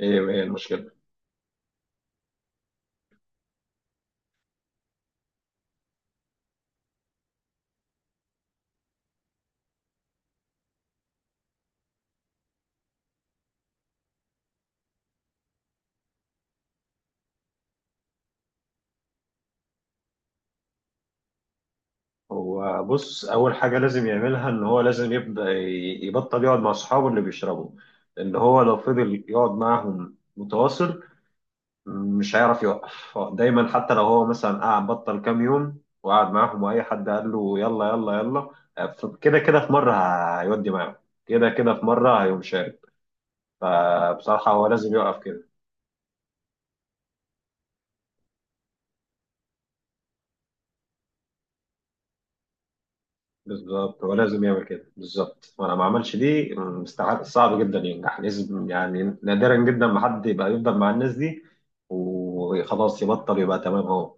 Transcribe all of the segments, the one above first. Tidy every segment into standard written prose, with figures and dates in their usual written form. ايه ايه المشكلة؟ هو بص، أول حاجة لازم يعملها إن هو لازم يبدأ يبطل يقعد مع أصحابه اللي بيشربوا. إن هو لو فضل يقعد معاهم متواصل مش هيعرف يوقف. هو دايما حتى لو هو مثلا قعد بطل كام يوم وقعد معاهم وأي حد قال له يلا يلا يلا كده كده في مرة هيودي معاهم. كده كده في مرة هيقوم شارب. فبصراحة هو لازم يوقف كده. بالظبط هو لازم يعمل كده بالظبط، وانا ما عملش دي مستحيل، صعب جدا ينجح. لازم يعني نادرا جدا ما حد يبقى يفضل مع الناس دي وخلاص يبطل يبقى تمام. هو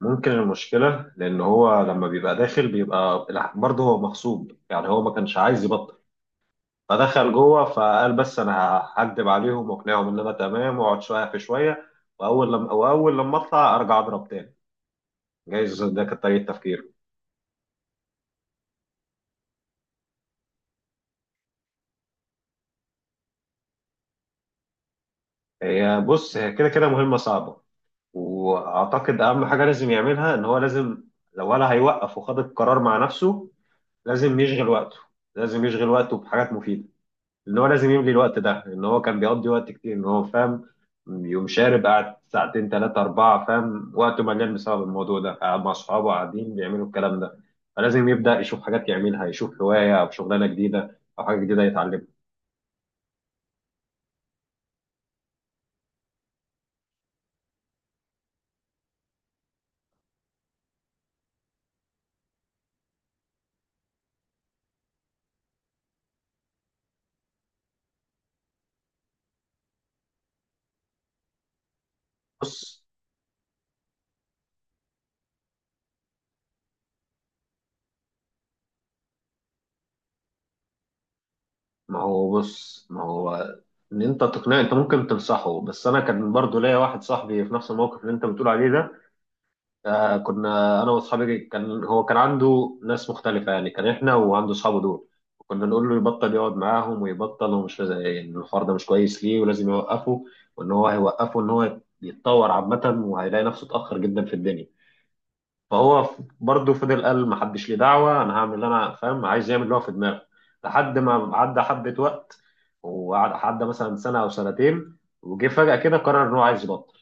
ممكن المشكله لان هو لما بيبقى داخل بيبقى برضه هو مغصوب، يعني هو ما كانش عايز يبطل، فدخل جوه فقال بس انا هكدب عليهم واقنعهم ان انا تمام واقعد شويه في شويه، واول لما اطلع ارجع اضرب تاني. جايز ده كانت طريقه تفكيره. هي كده كده مهمه صعبه. واعتقد اهم حاجه لازم يعملها ان هو لازم، لو ولا هيوقف وخد القرار مع نفسه، لازم يشغل وقته. لازم يشغل وقته بحاجات مفيده، ان هو لازم يملي الوقت ده. ان هو كان بيقضي وقت كتير ان هو فاهم، يوم شارب قعد ساعتين ثلاثه اربعه، فاهم، وقته مليان بسبب الموضوع ده، قاعد مع اصحابه قاعدين بيعملوا الكلام ده. فلازم يبدا يشوف حاجات يعملها، يشوف هوايه او شغلانه جديده او حاجه جديده يتعلمها. بص ما هو بص ما هو ان انت تقنعه، انت ممكن تنصحه. بس انا كان برضو ليا واحد صاحبي في نفس الموقف اللي انت بتقول عليه ده. كنا انا واصحابي كان هو كان عنده ناس مختلفه، يعني كان احنا وعنده اصحابه دول. كنا نقول له يبطل يقعد معاهم ويبطل ان الحوار ده مش كويس ليه ولازم يوقفه، وان هو هيوقفه ان هو يتطور عامه وهيلاقي نفسه اتاخر جدا في الدنيا. فهو برضه فضل قال ما حدش ليه دعوه، انا هعمل اللي انا فاهم، عايز يعمل اللي هو في دماغه. لحد ما عدى حبه وقت، وعدى مثلا سنه او سنتين، وجه فجاه كده قرر ان هو عايز يبطل.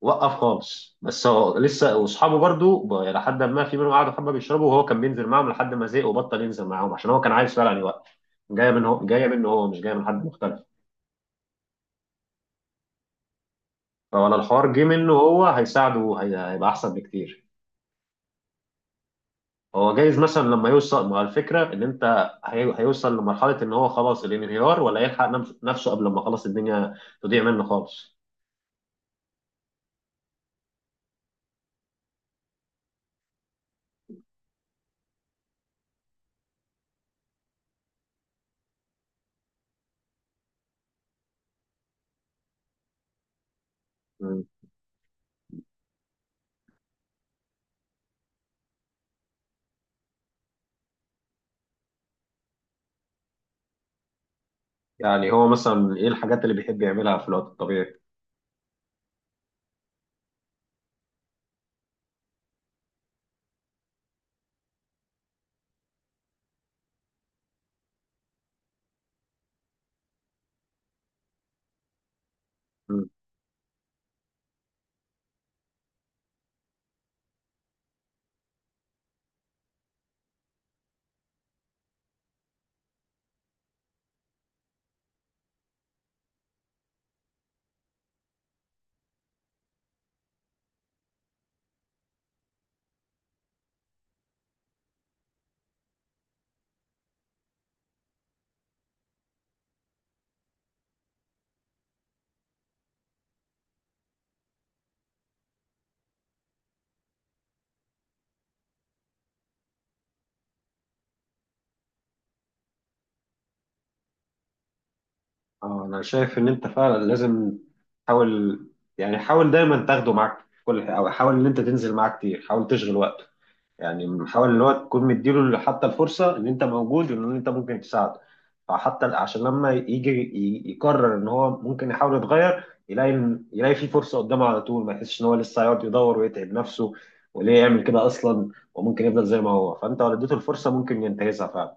وقف خالص. بس هو لسه واصحابه برضه لحد ما في منهم قعدوا حبه بيشربوا، وهو كان بينزل معاهم لحد ما زهق وبطل ينزل معاهم، عشان هو كان عايز فعلا يوقف. جايه منه، جايه منه، هو مش جايه من حد مختلف. فولا الحوار جه منه هو هيساعده، هيبقى احسن بكتير. هو جايز مثلا لما يوصل مع الفكره ان انت هيوصل لمرحله ان هو خلاص الانهيار، ولا يلحق نفسه قبل ما خلاص الدنيا تضيع منه خالص. مم. يعني هو مثلا ايه الحاجات اللي بيحب يعملها في الوقت الطبيعي؟ مم. اه، انا شايف ان انت فعلا لازم تحاول. يعني حاول دايما تاخده معاك في كل حاجه، او حاول ان انت تنزل معاه كتير، حاول تشغل وقته. يعني بنحاول اللي هو تكون مديله حتى الفرصة إن أنت موجود وإن أنت ممكن تساعده. فحتى عشان لما يجي يقرر إن هو ممكن يحاول يتغير يلاقي يلاقي في فرصة قدامه على طول، ما يحسش إن هو لسه هيقعد يدور ويتعب نفسه، وليه يعمل كده أصلا، وممكن يفضل زي ما هو. فأنت لو اديته الفرصة ممكن ينتهزها فعلا.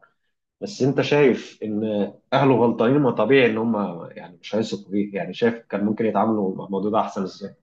بس أنت شايف إن أهله غلطانين؟ ما طبيعي إن هم يعني مش هيثقوا فيه. يعني شايف كان ممكن يتعاملوا مع الموضوع ده أحسن إزاي؟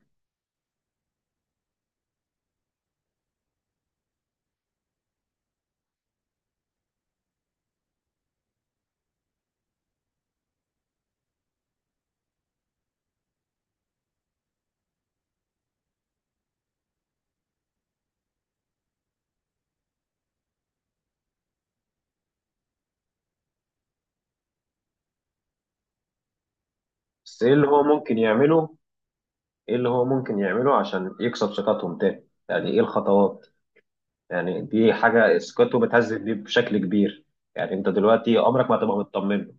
بس إيه اللي هو ممكن يعمله؟ ايه اللي هو ممكن يعمله عشان يكسب ثقتهم تاني؟ يعني ايه الخطوات؟ يعني دي حاجة ثقته بتهزز دي بشكل كبير. يعني انت دلوقتي عمرك ما هتبقى مطمن.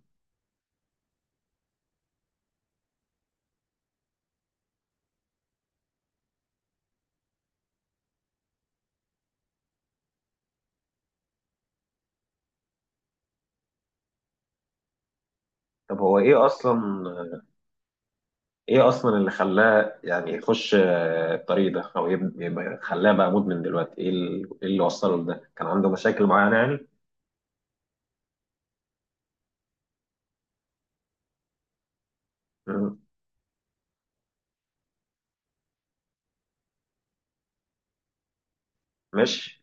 طب هو ايه اصلا اللي خلاه يعني يخش الطريق ده، او يبقى خلاه بقى مدمن دلوقتي؟ ايه إيه اللي وصله لده؟ كان عنده مشاكل معينة يعني؟ مم. ماشي.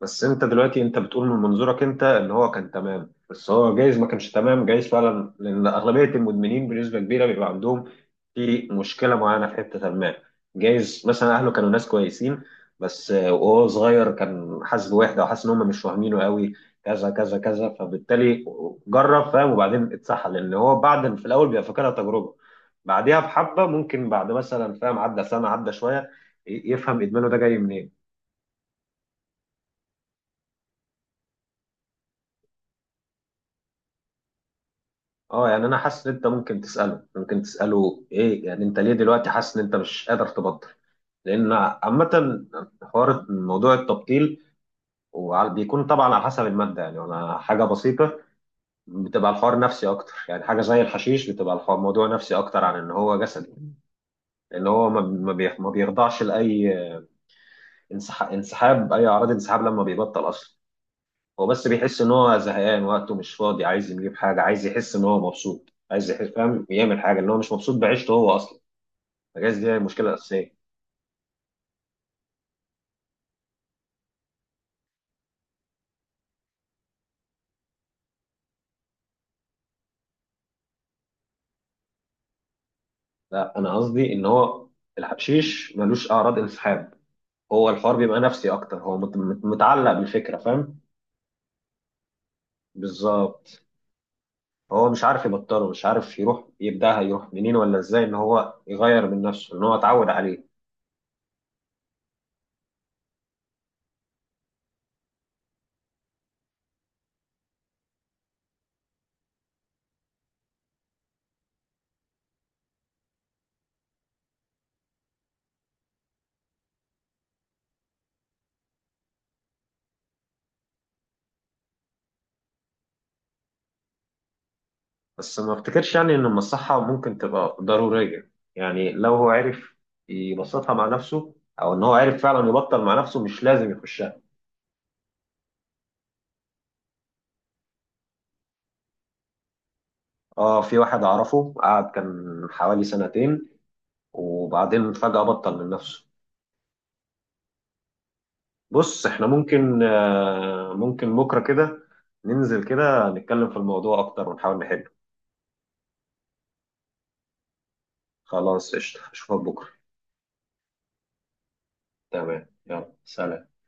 بس انت دلوقتي انت بتقول من منظورك انت ان هو كان تمام، بس هو جايز ما كانش تمام. جايز فعلا، لان اغلبيه المدمنين بنسبه كبيره بيبقى عندهم في مشكله معينه في حته ما. جايز مثلا اهله كانوا ناس كويسين، بس وهو صغير كان حاسس بوحده، وحاسس ان هم مش فاهمينه قوي، كذا كذا كذا. فبالتالي جرب، فاهم، وبعدين اتسحل، لان هو بعد في الاول بيبقى فاكرها تجربه. بعديها بحبه، ممكن بعد مثلا فاهم عدى سنه عدى شويه يفهم ادمانه ده جاي منين. اه، يعني انا حاسس ان انت ممكن تساله ايه يعني انت ليه دلوقتي حاسس ان انت مش قادر تبطل. لان عامه حوار موضوع التبطيل بيكون طبعا على حسب الماده. يعني انا حاجه بسيطه بتبقى الحوار نفسي اكتر، يعني حاجه زي الحشيش بتبقى الحوار موضوع نفسي اكتر عن ان هو جسدي. لان هو ما بيخضعش لاي انسحاب، اي اعراض انسحاب لما بيبطل اصلا. هو بس بيحس ان هو زهقان، وقته مش فاضي، عايز يجيب حاجه، عايز يحس ان هو مبسوط، عايز يحس، فاهم، يعمل حاجه ان هو مش مبسوط بعيشته هو اصلا. الجهاز دي هي المشكله الاساسيه. لا، انا قصدي ان هو الحشيش ملوش اعراض انسحاب. هو الحوار بيبقى نفسي اكتر. هو متعلق بالفكره، فاهم. بالظبط هو مش عارف يبطله، مش عارف يروح يبداها يروح منين ولا ازاي ان هو يغير من نفسه ان هو اتعود عليه. بس ما افتكرش يعني ان المصحه ممكن تبقى ضروريه، يعني لو هو عرف يبسطها مع نفسه، او ان هو عرف فعلا يبطل مع نفسه مش لازم يخشها. اه، في واحد اعرفه قعد كان حوالي سنتين، وبعدين فجأة بطل من نفسه. بص احنا ممكن، ممكن بكرة كده ننزل كده نتكلم في الموضوع أكتر ونحاول نحله. خلاص قشطة، أشوفك بكرة. تمام يلا سلام.